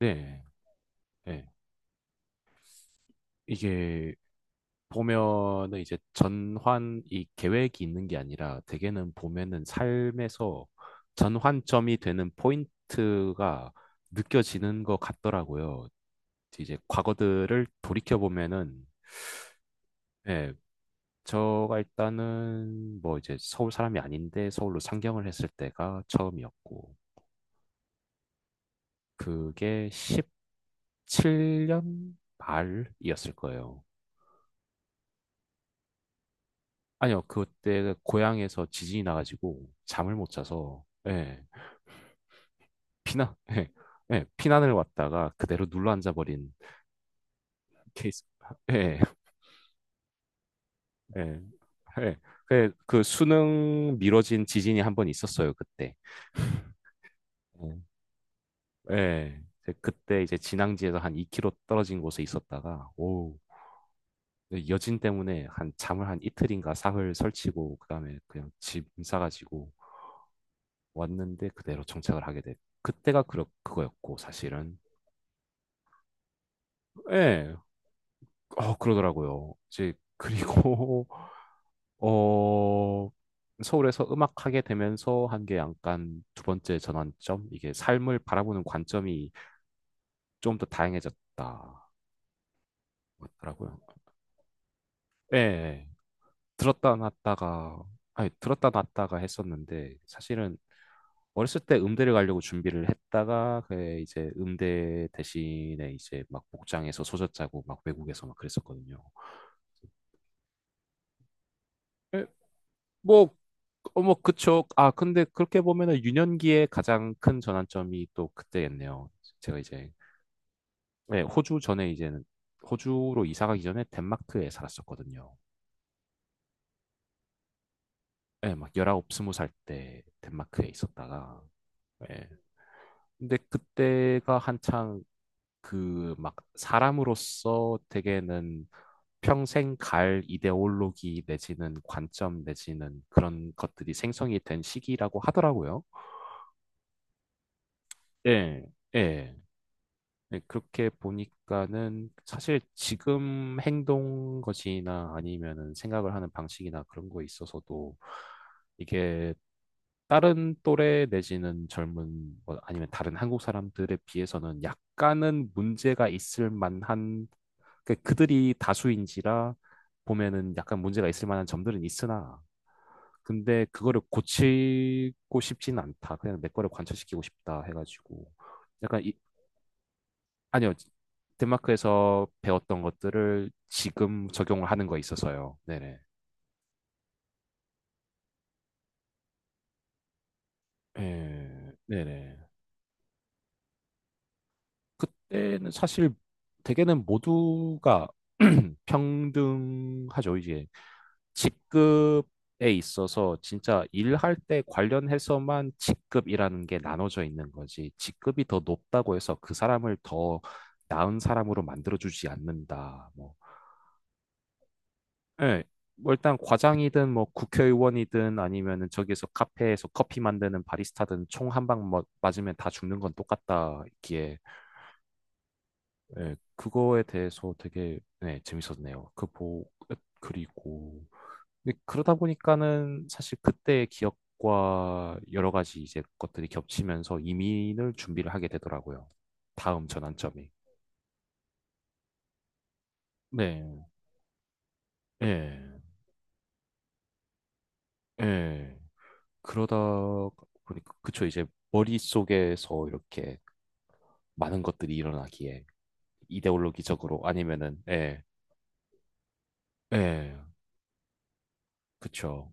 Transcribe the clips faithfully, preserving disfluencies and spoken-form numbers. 네, 네. 이게 보면은 이제 전환 이 계획이 있는 게 아니라 대개는 보면은 삶에서 전환점이 되는 포인트가 느껴지는 것 같더라고요. 이제 과거들을 돌이켜 보면은 예, 저가 일단은 뭐 이제 서울 사람이 아닌데 서울로 상경을 했을 때가 처음이었고 그게 십칠 년 말이었을 거예요. 아니요, 그때 고향에서 지진이 나가지고 잠을 못 자서, 예, 피난, 예, 예, 피난을 왔다가 그대로 눌러 앉아버린 케이스. 예, 예, 예. 그, 그 수능 미뤄진 지진이 한 번 있었어요, 그때. 음. 예, 이제 그때 이제 진앙지에서 한 이 킬로미터 떨어진 곳에 있었다가, 오, 여진 때문에 한 잠을 한 이틀인가 사흘 설치고, 그다음에 그냥 짐 싸가지고 왔는데 그대로 정착을 하게 됐. 그때가 그 그거였고, 사실은. 예, 어, 그러더라고요. 이제, 그리고, 어, 서울에서 음악하게 되면서 한게 약간 두 번째 전환점? 이게 삶을 바라보는 관점이 좀 더 다양해졌다. 더라고요 예, 예. 들었다 놨다가, 아니, 들었다 놨다가 했었는데, 사실은 어렸을 때 음대를 가려고 준비를 했다가, 그 이제 음대 대신에 이제 막 복장에서 소젖 짜고 막 외국에서 막 그랬었거든요. 예, 뭐, 어, 뭐, 그쵸. 아, 근데 그렇게 보면은 유년기에 가장 큰 전환점이 또 그때였네요. 제가 이제, 네, 호주 전에 이제는, 호주로 이사 가기 전에 덴마크에 살았었거든요. 네, 막 열아홉, 스무 살 때 덴마크에 있었다가, 네. 근데 그때가 한창 그 막 사람으로서 되게는 평생 갈 이데올로기 내지는 관점 내지는 그런 것들이 생성이 된 시기라고 하더라고요. 예, 예. 네, 그렇게 보니까는 사실 지금 행동 것이나 아니면은 생각을 하는 방식이나 그런 거에 있어서도 이게 다른 또래 내지는 젊은 뭐 아니면 다른 한국 사람들에 비해서는 약간은 문제가 있을 만한 그 그들이 다수인지라 보면은 약간 문제가 있을 만한 점들은 있으나 근데 그거를 고치고 싶진 않다. 그냥 내 거를 관철시키고 싶다 해가지고 약간 이, 아니요. 덴마크에서 배웠던 것들을 지금 적용을 하는 거에 있어서요. 네네. 예, 네네. 그때는 사실 대개는 모두가 평등하죠. 이제 직급에 있어서 진짜 일할 때 관련해서만 직급이라는 게 나눠져 있는 거지. 직급이 더 높다고 해서 그 사람을 더 나은 사람으로 만들어주지 않는다. 뭐. 예. 뭐 일단 과장이든 뭐 국회의원이든 아니면은 저기에서 카페에서 커피 만드는 바리스타든 총 한방 뭐 맞으면 다 죽는 건 똑같다 있기에 예, 그거에 대해서 되게 예, 재밌었네요. 그 보, 그리고 근데 그러다 보니까는 사실 그때의 기억과 여러 가지 이제 것들이 겹치면서 이민을 준비를 하게 되더라고요. 다음 전환점이. 네. 예. 예. 그러다 보니까 그쵸 이제 머릿속에서 이렇게 많은 것들이 일어나기에 이데올로기적으로 아니면은 예, 예, 그쵸.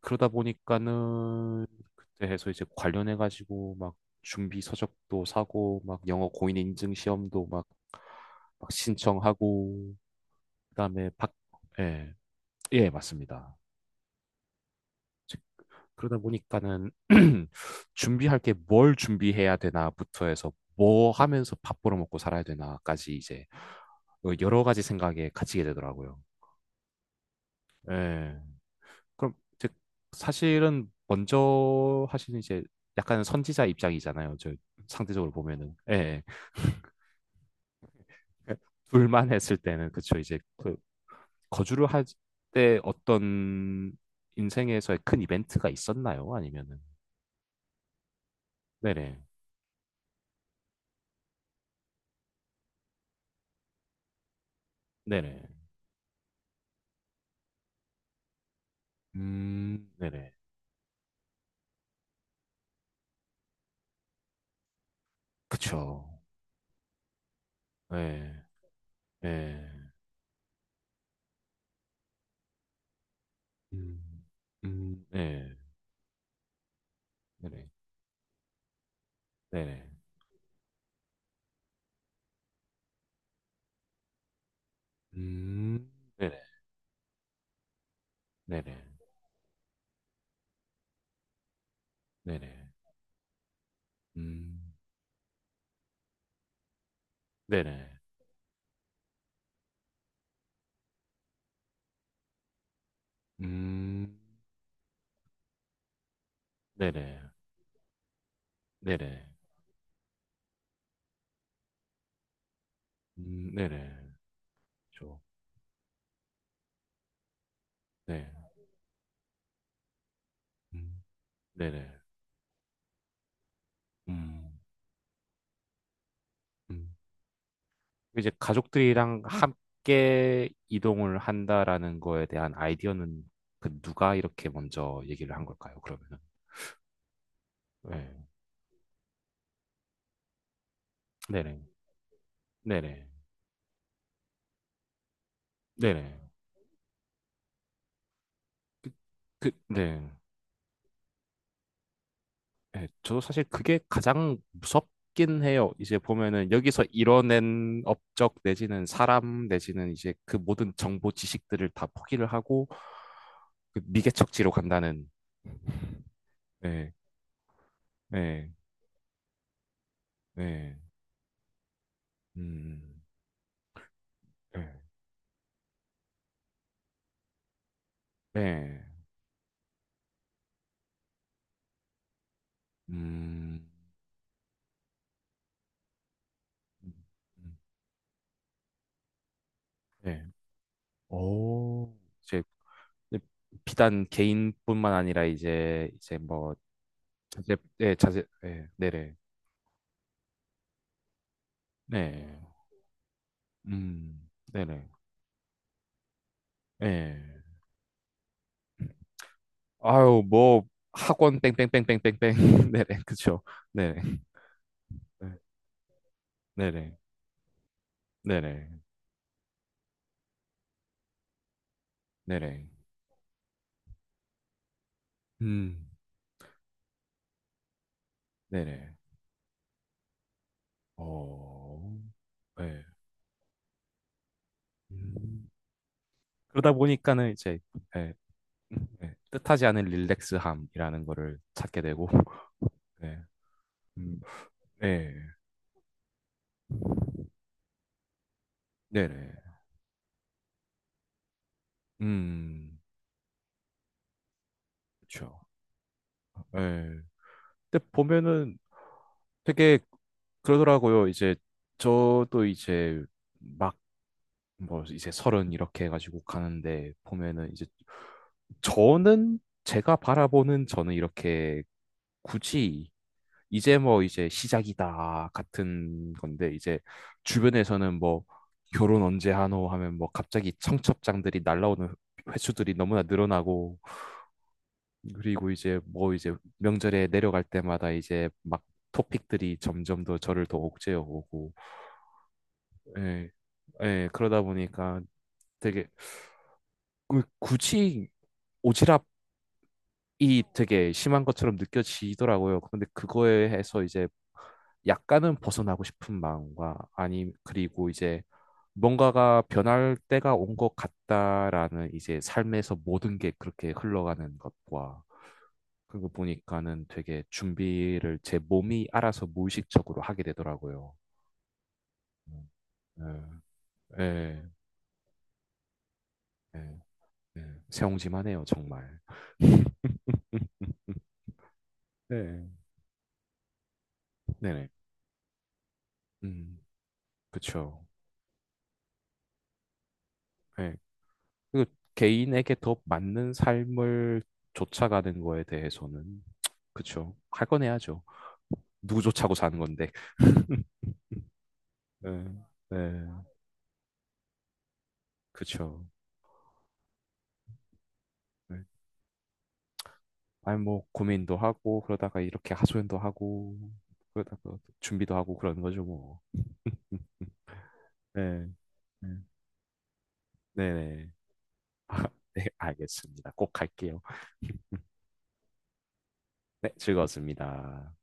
그러다 보니까는 그때 해서 이제 관련해 가지고 막 준비 서적도 사고 막 영어 고인 인증 시험도 막, 막 신청하고 그다음에 박 예, 예, 맞습니다. 즉, 그러다 보니까는 준비할 게 뭘 준비해야 되나부터 해서 뭐 하면서 밥 벌어먹고 살아야 되나까지 이제 어, 여러 가지 생각에 갇히게 되더라고요. 예. 그럼 이제 사실은 먼저 하시는 이제 약간 선지자 입장이잖아요. 저 상대적으로 보면은. 예. 예. 그러니까 둘만 했을 때는 그쵸. 이제 그 거주를 할 때 어떤 인생에서의 큰 이벤트가 있었나요? 아니면은 네네. 네네. 음, 네네. 그쵸. 네. 네. 음. 음, 네. 네네. 네네. 음, 네네. 네네. 네네. 음, 네네. 음. 네네. 네네. 음, 네네. 그 네. 음, 네네. 음, 음. 이제 가족들이랑 함께 이동을 한다라는 거에 대한 아이디어는 그 누가 이렇게 먼저 얘기를 한 걸까요, 그러면은? 네. 네네. 네네. 네네. 그, 그, 네. 네. 저도 사실 그게 가장 무섭긴 해요. 이제 보면은 여기서 이뤄낸 업적 내지는 사람 내지는 이제 그 모든 정보 지식들을 다 포기를 하고 그 미개척지로 간다는 네, 네, 네, 음, 네, 네, 음, 음, 음. 네, 오, 이제 비단 개인뿐만 아니라 이제 이제 뭐 자제, 네, 자제, 네, 네네, 네, 음, 네네, 네, 아유 뭐 학원 뺑뺑뺑뺑뺑뺑, 네네, 그쵸, 네네, 네, 네네, 네네, 네네, 음, 네네, 어. 네. 음. 그러다 보니까는 이제 예, 예, 뜻하지 않은 릴렉스함이라는 거를 찾게 되고 네, 음, 네, 네네, 음, 그렇죠. 예. 근데 보면은 되게 그러더라고요. 이제 저도 이제 막 뭐 이제 서른 이렇게 해가지고 가는데 보면은 이제 저는 제가 바라보는 저는 이렇게 굳이 이제 뭐 이제 시작이다 같은 건데 이제 주변에서는 뭐 결혼 언제 하노 하면 뭐 갑자기 청첩장들이 날라오는 횟수들이 너무나 늘어나고 그리고 이제 뭐 이제 명절에 내려갈 때마다 이제 막 토픽들이 점점 더 저를 더 옥죄어 오고 예, 예, 그러다 보니까 되게 그- 굳이 오지랖 이 되게 심한 것처럼 느껴지더라고요. 근데 그거에 해서 이제 약간은 벗어나고 싶은 마음과 아니 그리고 이제 뭔가가 변할 때가 온 것 같다라는 이제 삶에서 모든 게 그렇게 흘러가는 것과 그거 보니까는 되게 준비를 제 몸이 알아서 무의식적으로 하게 되더라고요. 음, 예, 예, 예, 예. 새옹지만 해요, 정말. 네, 네네. 음, 그쵸. 예. 그 개인에게 더 맞는 삶을 쫓아가는 거에 대해서는 그쵸. 할 건 해야죠. 누구 쫓아고 사는 건데. 네, 네, 그쵸. 네. 아니 뭐 고민도 하고 그러다가 이렇게 하소연도 하고 그러다가 준비도 하고 그러는 거죠 뭐. 네, 네, 네. 네, 네, 알겠습니다. 꼭 할게요. 네, 즐거웠습니다.